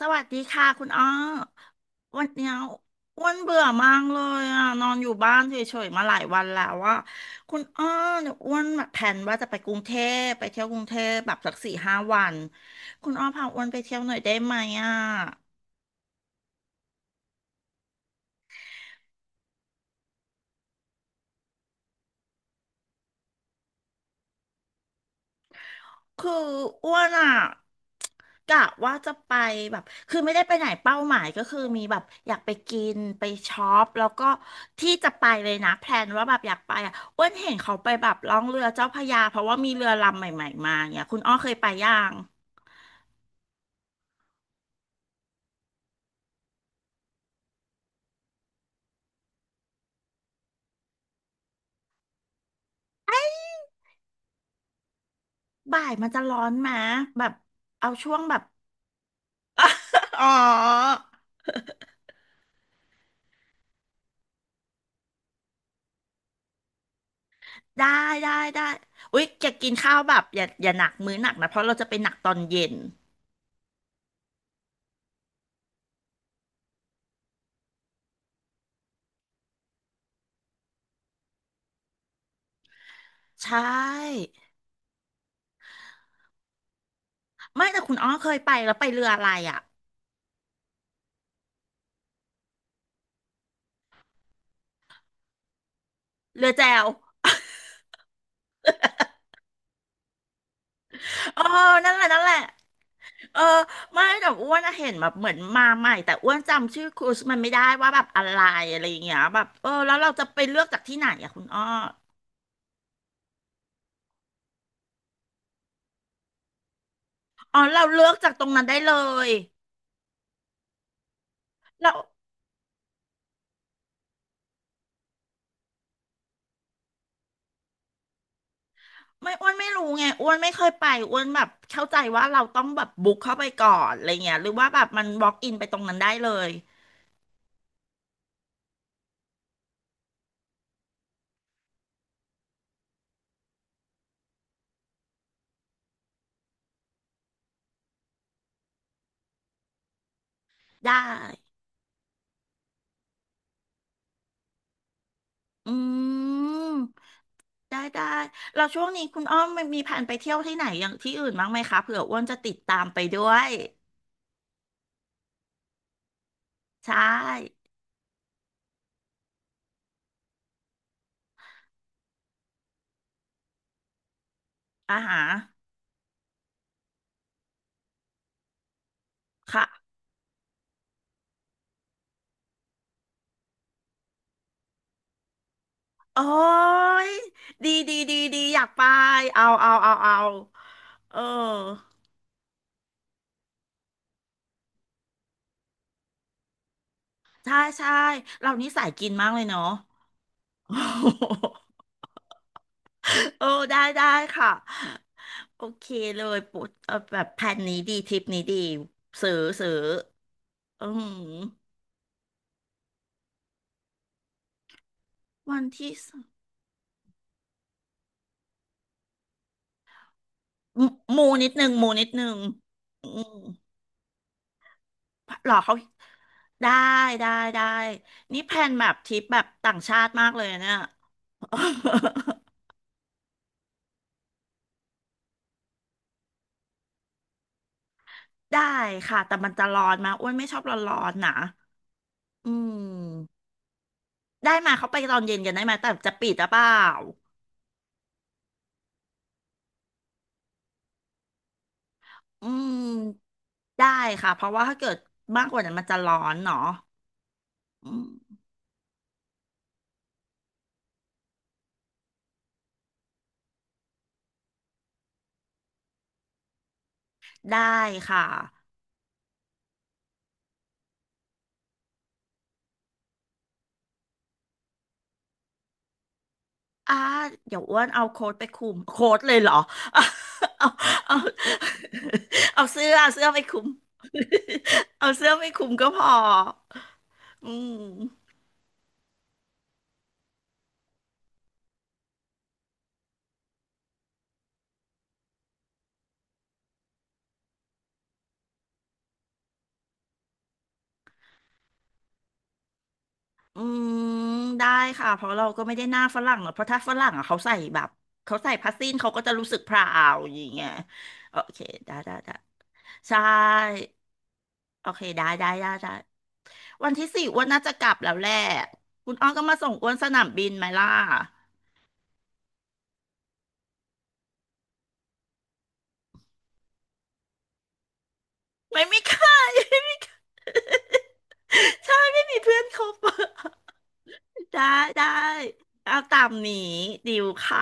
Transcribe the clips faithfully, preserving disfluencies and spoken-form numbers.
สวัสดีค่ะคุณอ้อวันเนี้ยอ้วนเบื่อมากเลยอ่ะนอนอยู่บ้านเฉยๆมาหลายวันแล้วอ่ะคุณอ้อเนี่ยอ้วนแบบแผนว่าจะไปกรุงเทพไปเที่ยวกรุงเทพแบบสักสี่ห้าวันคุณอ้อพาอ้วนไปเที่ยวหน่อยได้ไหมอ่ะ คืออ้วนอ่ะกะว่าจะไปแบบคือไม่ได้ไปไหนเป้าหมายก็คือมีแบบอยากไปกินไปช็อปแล้วก็ที่จะไปเลยนะแพลนว่าแบบอยากไปอ่ะอ้วนเห็นเขาไปแบบล่องเรือเจ้าพระยาเพราะว่ามีเรือลำใหม่ๆมาเนี่ยคุณอ้อเคยไปย่างบ่ายมันจะร้อนไหมแบบเอาช่วงแบบ อ๋อได้ได้ได้อุ๊ยจะกินข้าวแบบอย่าอย่าหนักมื้อหนักนะเพราะเราจะไปหนักตอนเย็นใช่ไม่แต่คุณอ้อเคยไปแล้วไปเรืออะไรอ่ะ เรือแจวเออนั่นแหละนั่นแหละเออไม่แต่อ้วนอะเห็นแบบเหมือนมาใหม่แต่อ้วนจำชื่อครูสมันไม่ได้ว่าแบบอะไรอะไรอย่างเงี้ยแบบเออแล้วเราจะไปเลือกจากที่ไหนอะคุณอ้ออ๋อเราเลือกจากตรงนั้นได้เลยเราไม่อ้วนไม่รู้ไงอ้วนไม่เคยไปอ้วนแบบเข้าใจว่าเราต้องแบบบุ๊กเข้าไปก่อนอะไรเงี้ยหรือว่าแบบมันบล็อกอินไปตรงนั้นได้เลยได้อืม ได้ได้เราช่วงนี้คุณอ้อมมีแผนไปเที่ยวที่ไหนอย่างที่อื่นบ้างไหมคะเผื่ออ้วนจะติดตามไปด้วย ใช่อาฮะค่ะ โอ้ยดีดีดีดีอยากไป เอาเอาเอาเอาเออใช่ใช่เรานี่สายกินมากเลยเนาะ โอ้โหเออได้ได้ค่ะ โอเคเลยปุ๊บเออแบบแผนนี้ดีทริปนี้ดีซื้อซื้ออืมวันที่ มูมูนิดนึงมูนิดนึงอืมหรอเขาได้ได้ได้นี่แพลนแบบทริปแบบต่างชาติมากเลยเนี่ย ได้ค่ะแต่มันจะร้อนมากอ้วนไม่ชอบร้อนๆนะอืมได้มาเขาไปตอนเย็นกันได้ไหมแต่จะปิดหรือเปล่าอืมได้ค่ะเพราะว่าถ้าเกิดมากกว่านั้นมันจะร้อนเนาะอืมได้ค่ะ อ่าเดี๋ยวอ้วนเอาโค้ดไปคลุมโค้ดเลยเหรอ เอาเอา เอาเสื้อเอาเสื้อไปคลุม เอาเสื้อไปคลุมก็พออืมอืมได้ค่ะเพราะเราก็ไม่ได้หน้าฝรั่งหรอกเพราะถ้าฝรั่งอ่ะเขาใส่แบบเขาใส่ผ้าสิ้นเขาก็จะรู้สึกพราวอย่างเงี้ยโอเคได้ได้ได้ใช่โอเคได้ได้ได้ได้วันที่สี่อ้วนน่าจะกลับแล้วแหละคุณอ้อก็มาส่งอ้วนสนามบินไหมล่ะ ไม่มีใครไม่มีใครใช่ไม่มีเพื่อนคบอะได้ได้เอาตามนี้ดิวค่ะ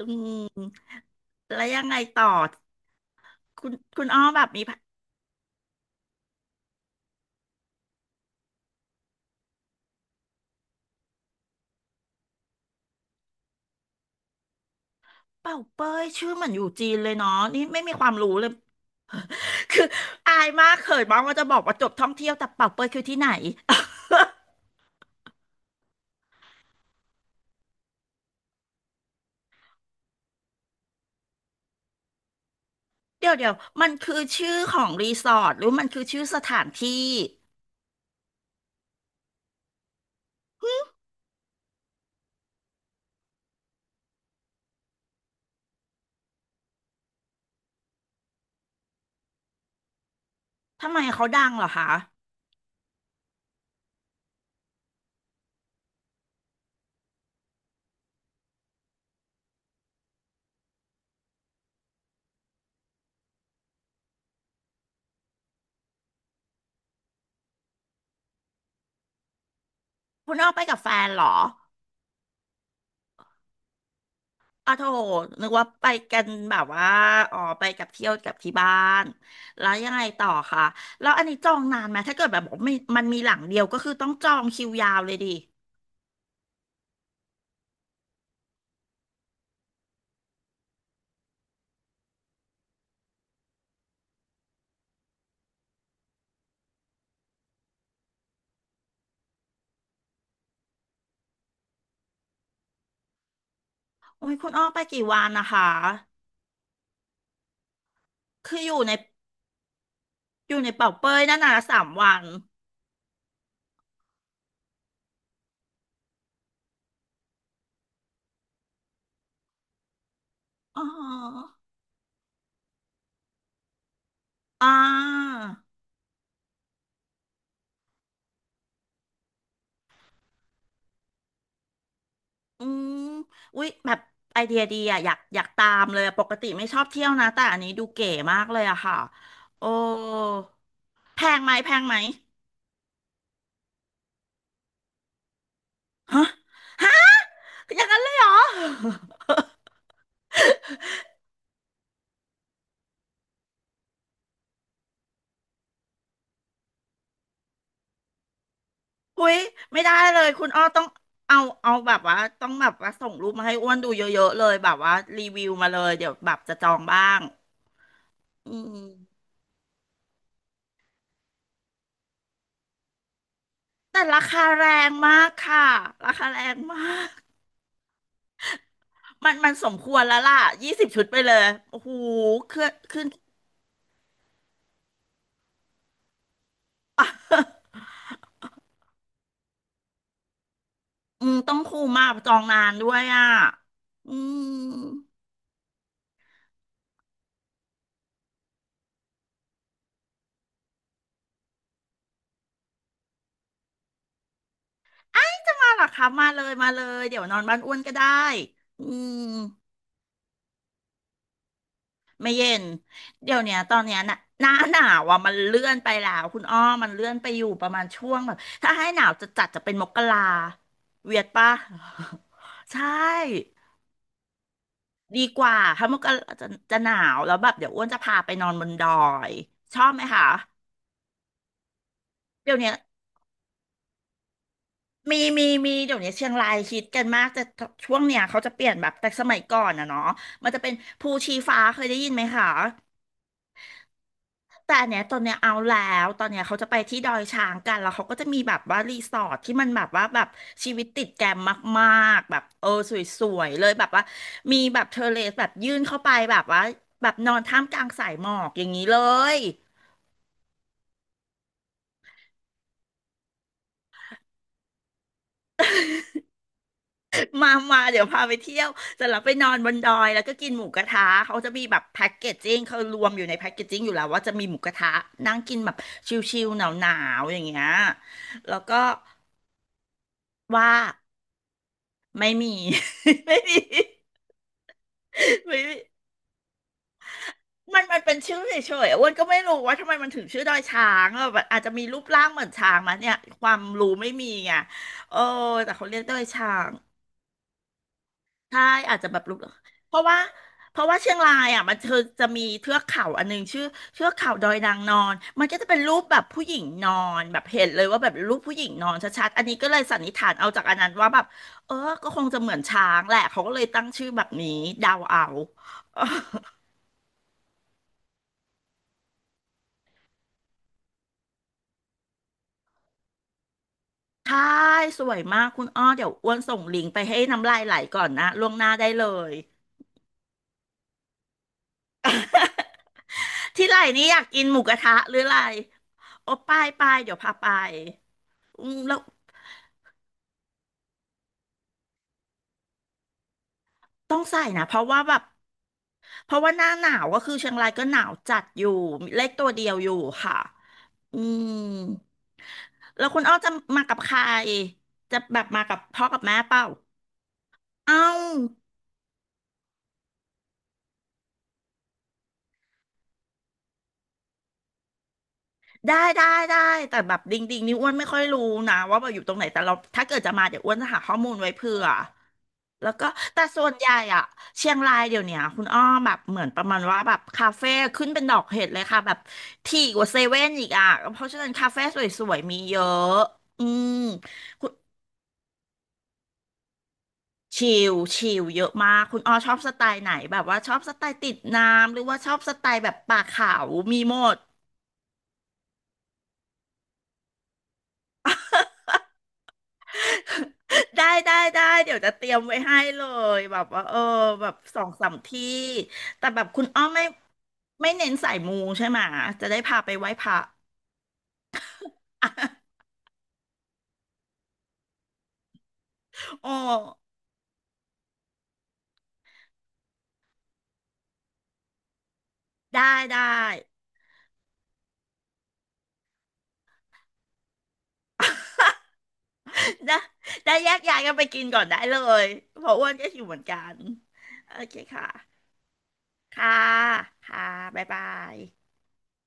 อืมแล้วยังไงต่อคุณคุณอ้อแบบมีเป่าเป้ยชื่อเหมือนอยู่จีนเลยเนาะนี่ไม่มีความรู้เลย คืออายมากเขินมากว่าจะบอกว่าจบท่องเที่ยวแต่เป่าเป้ยคือที่ไหน เดี๋ยวเดี๋ยวมันคือชื่อของรีสอร์ทหรือมันคือชื่อสถานที่ทำไมเขาดังเหรอคะคุณอ้อไปกับแฟนเหรอ อ๋อโถนึกว่าไปกันแบบว่าอ๋อไปกับเที่ยวกับที่บ้านแล้วยังไงต่อคะแล้วอันนี้จองนานไหมถ้าเกิดแบบบอกมีมันมีหลังเดียวก็คือต้องจองคิวยาวเลยดิโอ้ยคุณอ้อไปกี่วันนะคะคืออยู่ในอยู่ในเป่าเป้ยนั่นน่ะสามวันอ๋ออ่าอืมอุ้ยแบบไอเดียดีอะอยากอยากตามเลยอะปกติไม่ชอบเที่ยวนะแต่อันนี้ดูเก๋มากเลยอะค่ะโอ้แพงไหมแพงไหมฮะ อย่างนั้นเลยเหรอ อุ้ยไม่ได้เลยคุณอ้อต้องเอาเอาแบบว่าต้องแบบว่าส่งรูปมาให้อ้วนดูเยอะๆเลยแบบว่ารีวิวมาเลยเดี๋ยวแบบจะจองบ้างอืมแต่ราคาแรงมากค่ะราคาแรงมากมันมันสมควรแล้วล่ะยี่สิบชุดไปเลยโอ้โหขึ้นขึ้น อืมต้องคูมมากจองนานด้วยอ่ะอืมมาหรอครับมาเลยมาเลยเดี๋ยวนอนบ้านอ้วนก็ได้อืม ไม่เย็นเดี๋ยวเนี้ยตอนเนี้ยน่ะหน้า หนาวอ่ะมันเลื่อนไปแล้วคุณอ้อมันเลื่อนไปอยู่ประมาณช่วงแบบถ้าให้หนาวจะจัดจะเป็นมกราเวียดป่ะ ใช่ดีกว่าถ้ามกราจะจะหนาวแล้วแบบเดี๋ยวอ้วนจะพาไปนอนบนดอยชอบไหมคะเดี๋ยวเนี้ยมีมีมีเดี๋ยวเนี้ยเชียงรายฮิตกันมากแต่ช่วงเนี้ยเขาจะเปลี่ยนแบบแต่สมัยก่อนอะเนาะมันจะเป็นภูชีฟ้าเคยได้ยินไหมคะ แต่อันเนี้ยตอนเนี้ยเอาแล้วตอนเนี้ยเขาจะไปที่ดอยช้างกันแล้วเขาก็จะมีแบบว่ารีสอร์ทที่มันแบบว่าแบบชีวิตติดแกรมมากๆแบบเออสวยๆเลยแบบว่ามีแบบเทอร์เลสแบบยื่นเข้าไปแบบว่าแบบนอนท่ามกลางสายหมอกอย่างนี้เลยมามาเดี๋ยวพาไปเที่ยวเสร็จแล้วไปนอนบนดอยแล้วก็กินหมูกระทะเขาจะมีแบบแพ็กเกจจิ้งเขารวมอยู่ในแพ็กเกจจิ้งอยู่แล้วว่าจะมีหมูกระทะนั่งกินแบบชิลๆหนาวๆอย่างเงี้ยแล้วก็ว่าไม่มี ไม่มี เฮ้ยมันมันเป็นชื่อเฉยๆอ้วนก็ไม่รู้ว่าทำไมมันถึงชื่อดอยช้างอะแบบอาจจะมีรูปร่างเหมือนช้างมาเนี่ยความรู้ไม่มีไงเออแต่เขาเรียกดอยช้างใช่อาจจะแบบรูปเพราะว่าเพราะว่าเชียงรายอ่ะมันเธอจะมีเทือกเขาอันหนึงชื่อเทือกเขาดอยนางนอนมันก็จะเป็นรูปแบบผู้หญิงนอนแบบเห็นเลยว่าแบบรูปผู้หญิงนอนชัดๆอันนี้ก็เลยสันนิษฐานเอาจากอันนั้นว่าแบบเออก็คงจะเหมือนช้างแหละเขาก็เลยตั้งชื่อแบบนี้เดาเอา ใช่สวยมากคุณอ้อเดี๋ยวอ้วนส่งลิงก์ไปให้น้ำลายไหลก่อนนะล่วงหน้าได้เลยที่ไหลนี้อยากกินหมูกระทะหรืออะไรโอ้ไปไปเดี๋ยวพาไปอืมแล้วต้องใส่นะเพราะว่าแบบเพราะว่าหน้าหนาวก็คือเชียงรายก็หนาวจัดอยู่เล็กตัวเดียวอยู่ค่ะอืมแล้วคุณอ้อจะมากับใครจะแบบมากับพ่อกับแม่เปล่าเอ้า ได้ได้ได้แต่แบบดิงดิงนี่อ้วนไม่ค่อยรู้นะว่าแบบอยู่ตรงไหนแต่เราถ้าเกิดจะมาเดี๋ยวอ้วนจะหาข้อมูลไว้เผื่อแล้วก็แต่ส่วนใหญ่อะเชียงรายเดี๋ยวเนี้ยคุณอ้อมแบบเหมือนประมาณว่าแบบคาเฟ่ขึ้นเป็นดอกเห็ดเลยค่ะแบบถี่กว่าเซเว่นอีกอะเพราะฉะนั้นคาเฟ่สวยๆมีเยอะอืมชิลชิลเยอะมากคุณอ้อชอบสไตล์ไหนแบบว่าชอบสไตล์ติดน้ำหรือว่าชอบสไตล์แบบป่าเขามีหมด ได้ได้ได้เดี๋ยวจะเตรียมไว้ให้เลยแบบว่าเออแบบสองสามที่แต่แบบคุณอ้อมไม่ไม่เน้นสายมูใช่ไหมจะได้พาไปไหว้พระ โอ้ได้ได้ได้ ได้แยกย้ายกันไปกินก่อนได้เลยเพราะอ้วนก็หิวเหมือนกันโอเคค่ะค่ะค่ะบ๊ายบาย